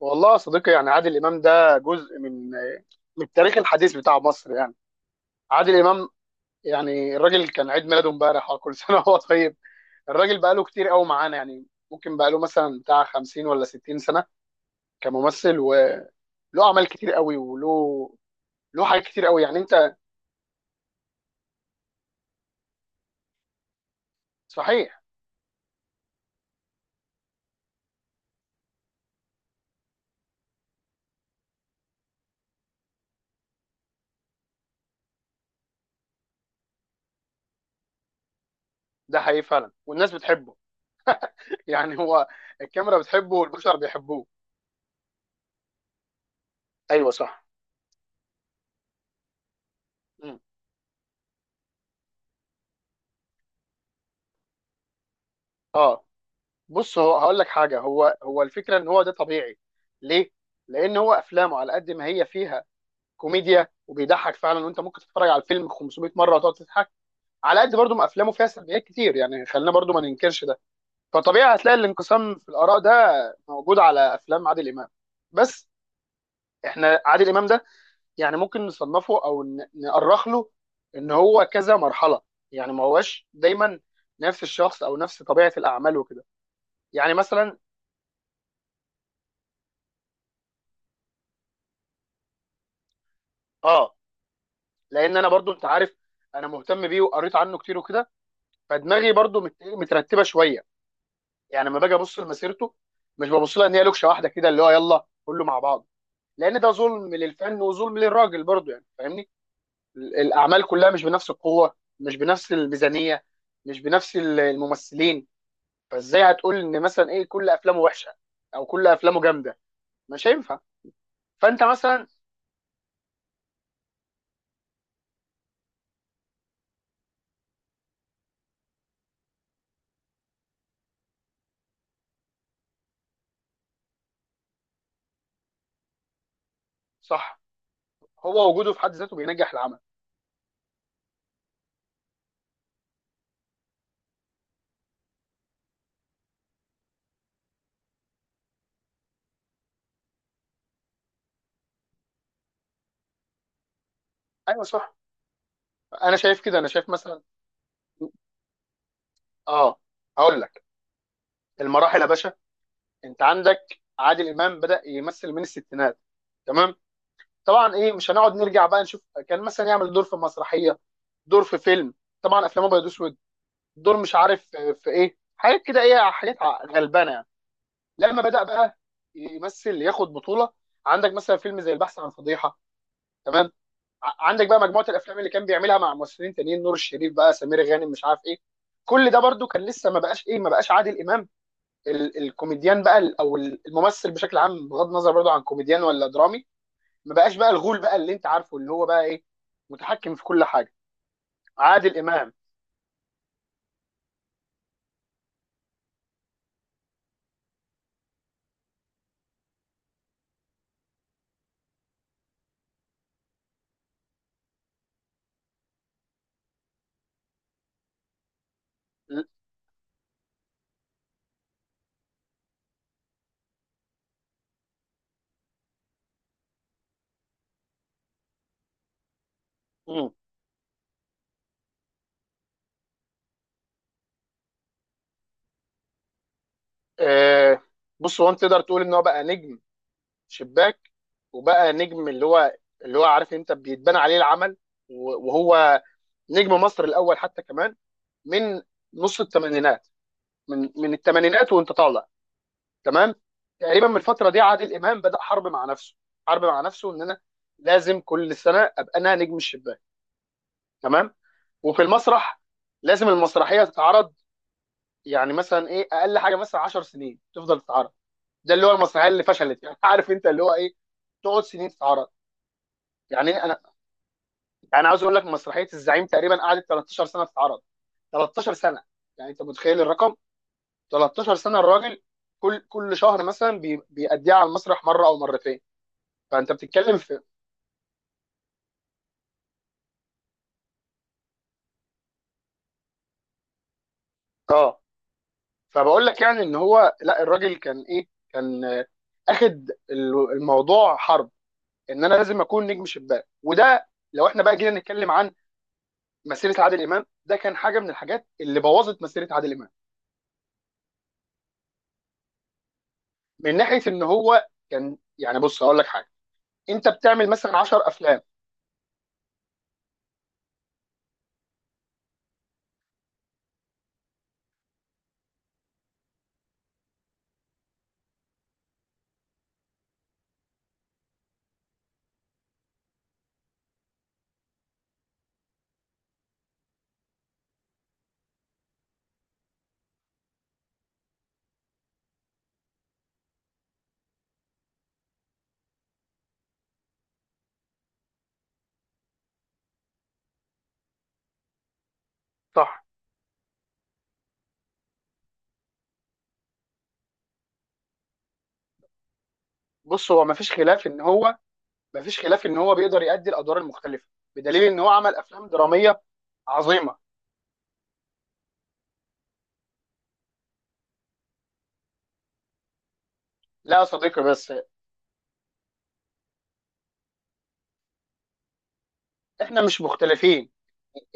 والله يا صديقي، يعني عادل امام ده جزء من التاريخ الحديث بتاع مصر. يعني عادل امام، يعني الراجل كان عيد ميلاده امبارح، كل سنه وهو طيب. الراجل بقاله كتير قوي معانا، يعني ممكن بقاله مثلا بتاع 50 ولا 60 سنه كممثل، وله اعمال كتير قوي، وله حاجات كتير قوي، يعني انت. صحيح. ده حقيقي فعلا والناس بتحبه. يعني هو الكاميرا بتحبه والبشر بيحبوه. ايوه صح. مم. اه، بص، هو هقول لك حاجه. هو الفكره ان هو ده طبيعي. ليه؟ لان هو افلامه على قد ما هي فيها كوميديا وبيضحك فعلا، وانت ممكن تتفرج على الفيلم 500 مره وتقعد تضحك. على قد برضو ما افلامه فيها سلبيات كتير، يعني خلينا برضو ما ننكرش ده. فطبيعي هتلاقي الانقسام في الاراء ده موجود على افلام عادل امام. بس احنا عادل امام ده يعني ممكن نصنفه او نأرخ له ان هو كذا مرحله. يعني ما هوش دايما نفس الشخص او نفس طبيعه الاعمال وكده. يعني مثلا. اه، لان انا برضو، انت عارف، انا مهتم بيه وقريت عنه كتير وكده. فدماغي برضو مترتبه شويه. يعني لما باجي ابص لمسيرته، مش ببص لها ان هي لوكشه واحده كده اللي هو يلا كله مع بعض. لان ده ظلم للفن وظلم للراجل برضو، يعني فاهمني. الاعمال كلها مش بنفس القوه، مش بنفس الميزانيه، مش بنفس الممثلين. فازاي هتقول ان مثلا ايه كل افلامه وحشه او كل افلامه جامده؟ مش هينفع. فانت مثلا. صح. هو وجوده في حد ذاته بينجح العمل. ايوه صح. انا شايف كده، انا شايف مثلا. اه، هقول لك. المراحل يا باشا. انت عندك عادل امام بدا يمثل من الستينات. تمام. طبعا ايه مش هنقعد نرجع بقى نشوف. كان مثلا يعمل دور في مسرحيه، دور في فيلم، طبعا افلام ابيض واسود. دور مش عارف في ايه حاجات كده، ايه حاجات غلبانه يعني. لما بدا بقى يمثل، ياخد بطوله، عندك مثلا فيلم زي البحث عن فضيحه. تمام. عندك بقى مجموعه الافلام اللي كان بيعملها مع ممثلين تانيين، نور الشريف بقى، سمير غانم، مش عارف ايه. كل ده برضو كان لسه ما بقاش ايه، ما بقاش عادل امام الكوميديان بقى، او الممثل بشكل عام بغض النظر برضو عن كوميديان ولا درامي. ما بقاش بقى الغول بقى اللي انت عارفه، اللي هو بقى ايه، متحكم في كل حاجه. عادل امام. ل- مم. آه، بص، هو انت تقدر تقول ان هو بقى نجم شباك، وبقى نجم اللي هو عارف انت بيتبنى عليه العمل. وهو نجم مصر الاول حتى كمان، من نص الثمانينات، من الثمانينات وانت طالع. تمام. تقريبا من الفتره دي عادل امام بدا حرب مع نفسه. حرب مع نفسه ان انا لازم كل سنه ابقى انا نجم الشباك. تمام. وفي المسرح لازم المسرحيه تتعرض. يعني مثلا ايه اقل حاجه مثلا 10 سنين تفضل تتعرض. ده اللي هو المسرحيه اللي فشلت، يعني عارف انت اللي هو ايه، تقعد سنين تتعرض. يعني إيه، انا يعني عاوز اقول لك مسرحيه الزعيم تقريبا قعدت 13 سنه تتعرض. 13 سنه. يعني انت متخيل الرقم، 13 سنه. الراجل كل شهر مثلا بيأديها على المسرح مره او مرتين. فانت بتتكلم في. اه. فبقول لك يعني ان هو لا، الراجل كان ايه، كان اخد الموضوع حرب ان انا لازم اكون نجم شباك، وده. لو احنا بقى جينا نتكلم عن مسيره عادل امام، ده كان حاجه من الحاجات اللي بوظت مسيره عادل امام. من ناحيه ان هو كان، يعني بص هقول لك حاجه، انت بتعمل مثلا 10 افلام. صح. بص، هو مفيش خلاف ان هو بيقدر يأدي الادوار المختلفه، بدليل ان هو عمل افلام دراميه عظيمه. لا يا صديقي، بس احنا مش مختلفين.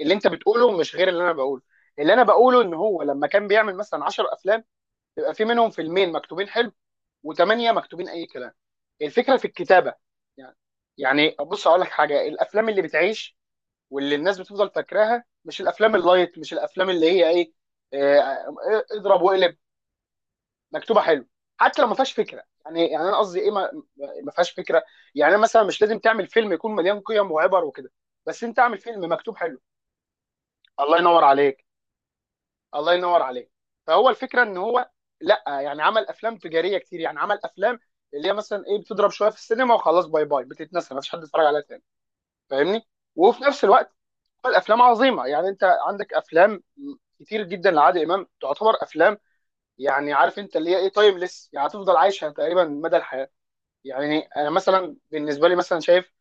اللي انت بتقوله مش غير اللي انا بقوله. اللي انا بقوله، ان هو لما كان بيعمل مثلا 10 افلام، يبقى في منهم فيلمين مكتوبين حلو وثمانيه مكتوبين اي كلام. الفكره في الكتابه. يعني يعني بص اقول لك حاجه، الافلام اللي بتعيش واللي الناس بتفضل فاكراها مش الافلام اللايت، مش الافلام اللي هي ايه، آه، اضرب واقلب، مكتوبه حلو. حتى لو ما فيهاش فكره، يعني يعني انا قصدي ايه، ما فيهاش فكره. يعني أنا مثلا مش لازم تعمل فيلم يكون مليان قيم وعبر وكده، بس انت اعمل فيلم مكتوب حلو. الله ينور عليك، الله ينور عليك. فهو الفكره ان هو لا، يعني عمل افلام تجاريه كتير، يعني عمل افلام اللي هي مثلا ايه بتضرب شويه في السينما، وخلاص باي باي، بتتنسى، ما فيش حد يتفرج عليها تاني. فاهمني. وفي نفس الوقت الافلام عظيمه، يعني انت عندك افلام كتير جدا لعادل امام تعتبر افلام، يعني عارف انت اللي هي ايه، تايمليس، يعني هتفضل عايشه تقريبا مدى الحياه. يعني انا مثلا بالنسبه لي مثلا شايف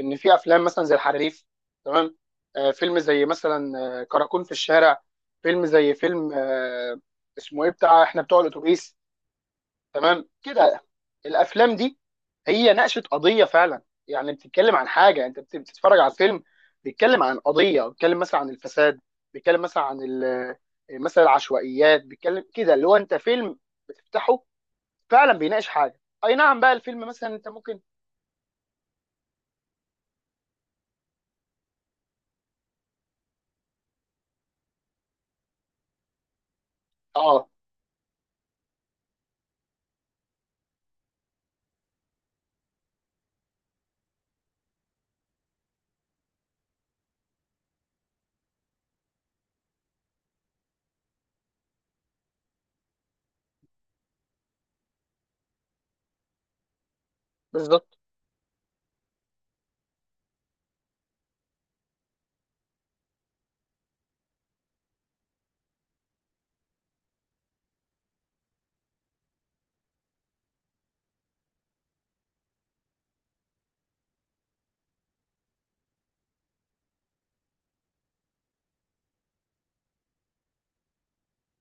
ان في افلام مثلا زي الحريف. تمام. فيلم زي مثلا كراكون في الشارع، فيلم زي فيلم اسمه ايه بتاع احنا بتوع الاتوبيس. تمام كده. الافلام دي هي ناقشت قضيه فعلا. يعني بتتكلم عن حاجه، انت بتتفرج على فيلم بيتكلم عن قضيه، بيتكلم مثلا عن الفساد، بيتكلم مثلا عن مثلا العشوائيات، بيتكلم كده اللي هو انت فيلم بتفتحه فعلا بيناقش حاجه، اي نعم بقى الفيلم مثلا انت ممكن. اه، بالظبط،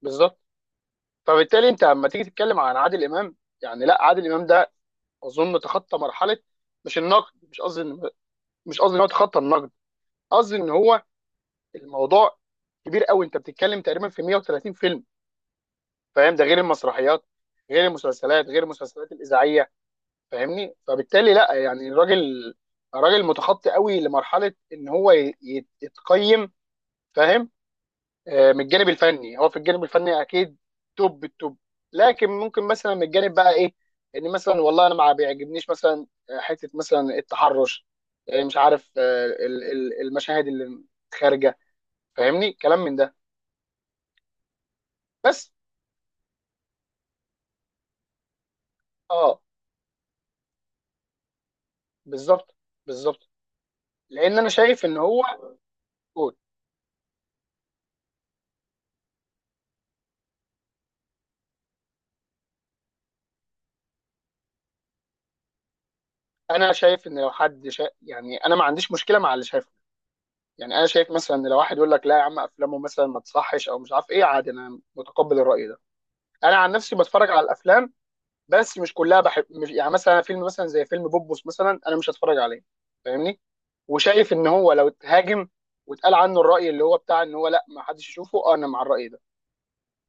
بالظبط. فبالتالي انت لما تيجي تتكلم عن عادل امام، يعني لا عادل امام ده اظن تخطى مرحله. مش النقد، مش قصدي مش قصدي ان هو تخطى النقد، قصدي ان هو الموضوع كبير قوي. انت بتتكلم تقريبا في 130 فيلم فاهم، ده غير المسرحيات، غير المسلسلات، غير المسلسلات الاذاعيه. فاهمني. فبالتالي لا، يعني الراجل متخطي قوي لمرحله ان هو يتقيم. فاهم. من الجانب الفني، هو في الجانب الفني اكيد توب التوب. لكن ممكن مثلا من الجانب بقى ايه، ان مثلا والله انا ما بيعجبنيش مثلا حته مثلا التحرش، مش عارف المشاهد اللي خارجه. فاهمني كلام من ده. بس. اه، بالظبط، بالظبط. لان انا شايف ان هو. قول. انا شايف ان لو حد يعني انا ما عنديش مشكله مع اللي شايفه. يعني انا شايف مثلا ان لو واحد يقول لك لا يا عم افلامه مثلا ما تصحش او مش عارف ايه، عادي، انا متقبل الراي ده. انا عن نفسي بتفرج على الافلام، بس مش كلها بحب. مش يعني مثلا فيلم مثلا زي فيلم بوبوس مثلا، انا مش هتفرج عليه. فاهمني. وشايف ان هو لو اتهاجم واتقال عنه الراي اللي هو بتاع ان هو لا ما حدش يشوفه، انا مع الراي ده.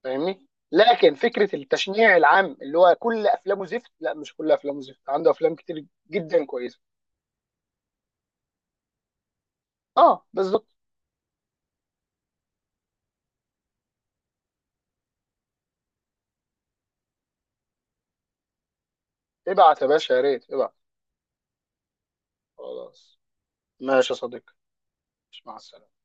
فاهمني. لكن فكره التشنيع العام اللي هو كل افلامه زفت، لا مش كل افلامه زفت، عنده افلام كتير جدا كويسه. اه بالظبط. ابعت يا باشا، يا ريت ابعت. خلاص، ماشي يا صديقي. مع السلامه.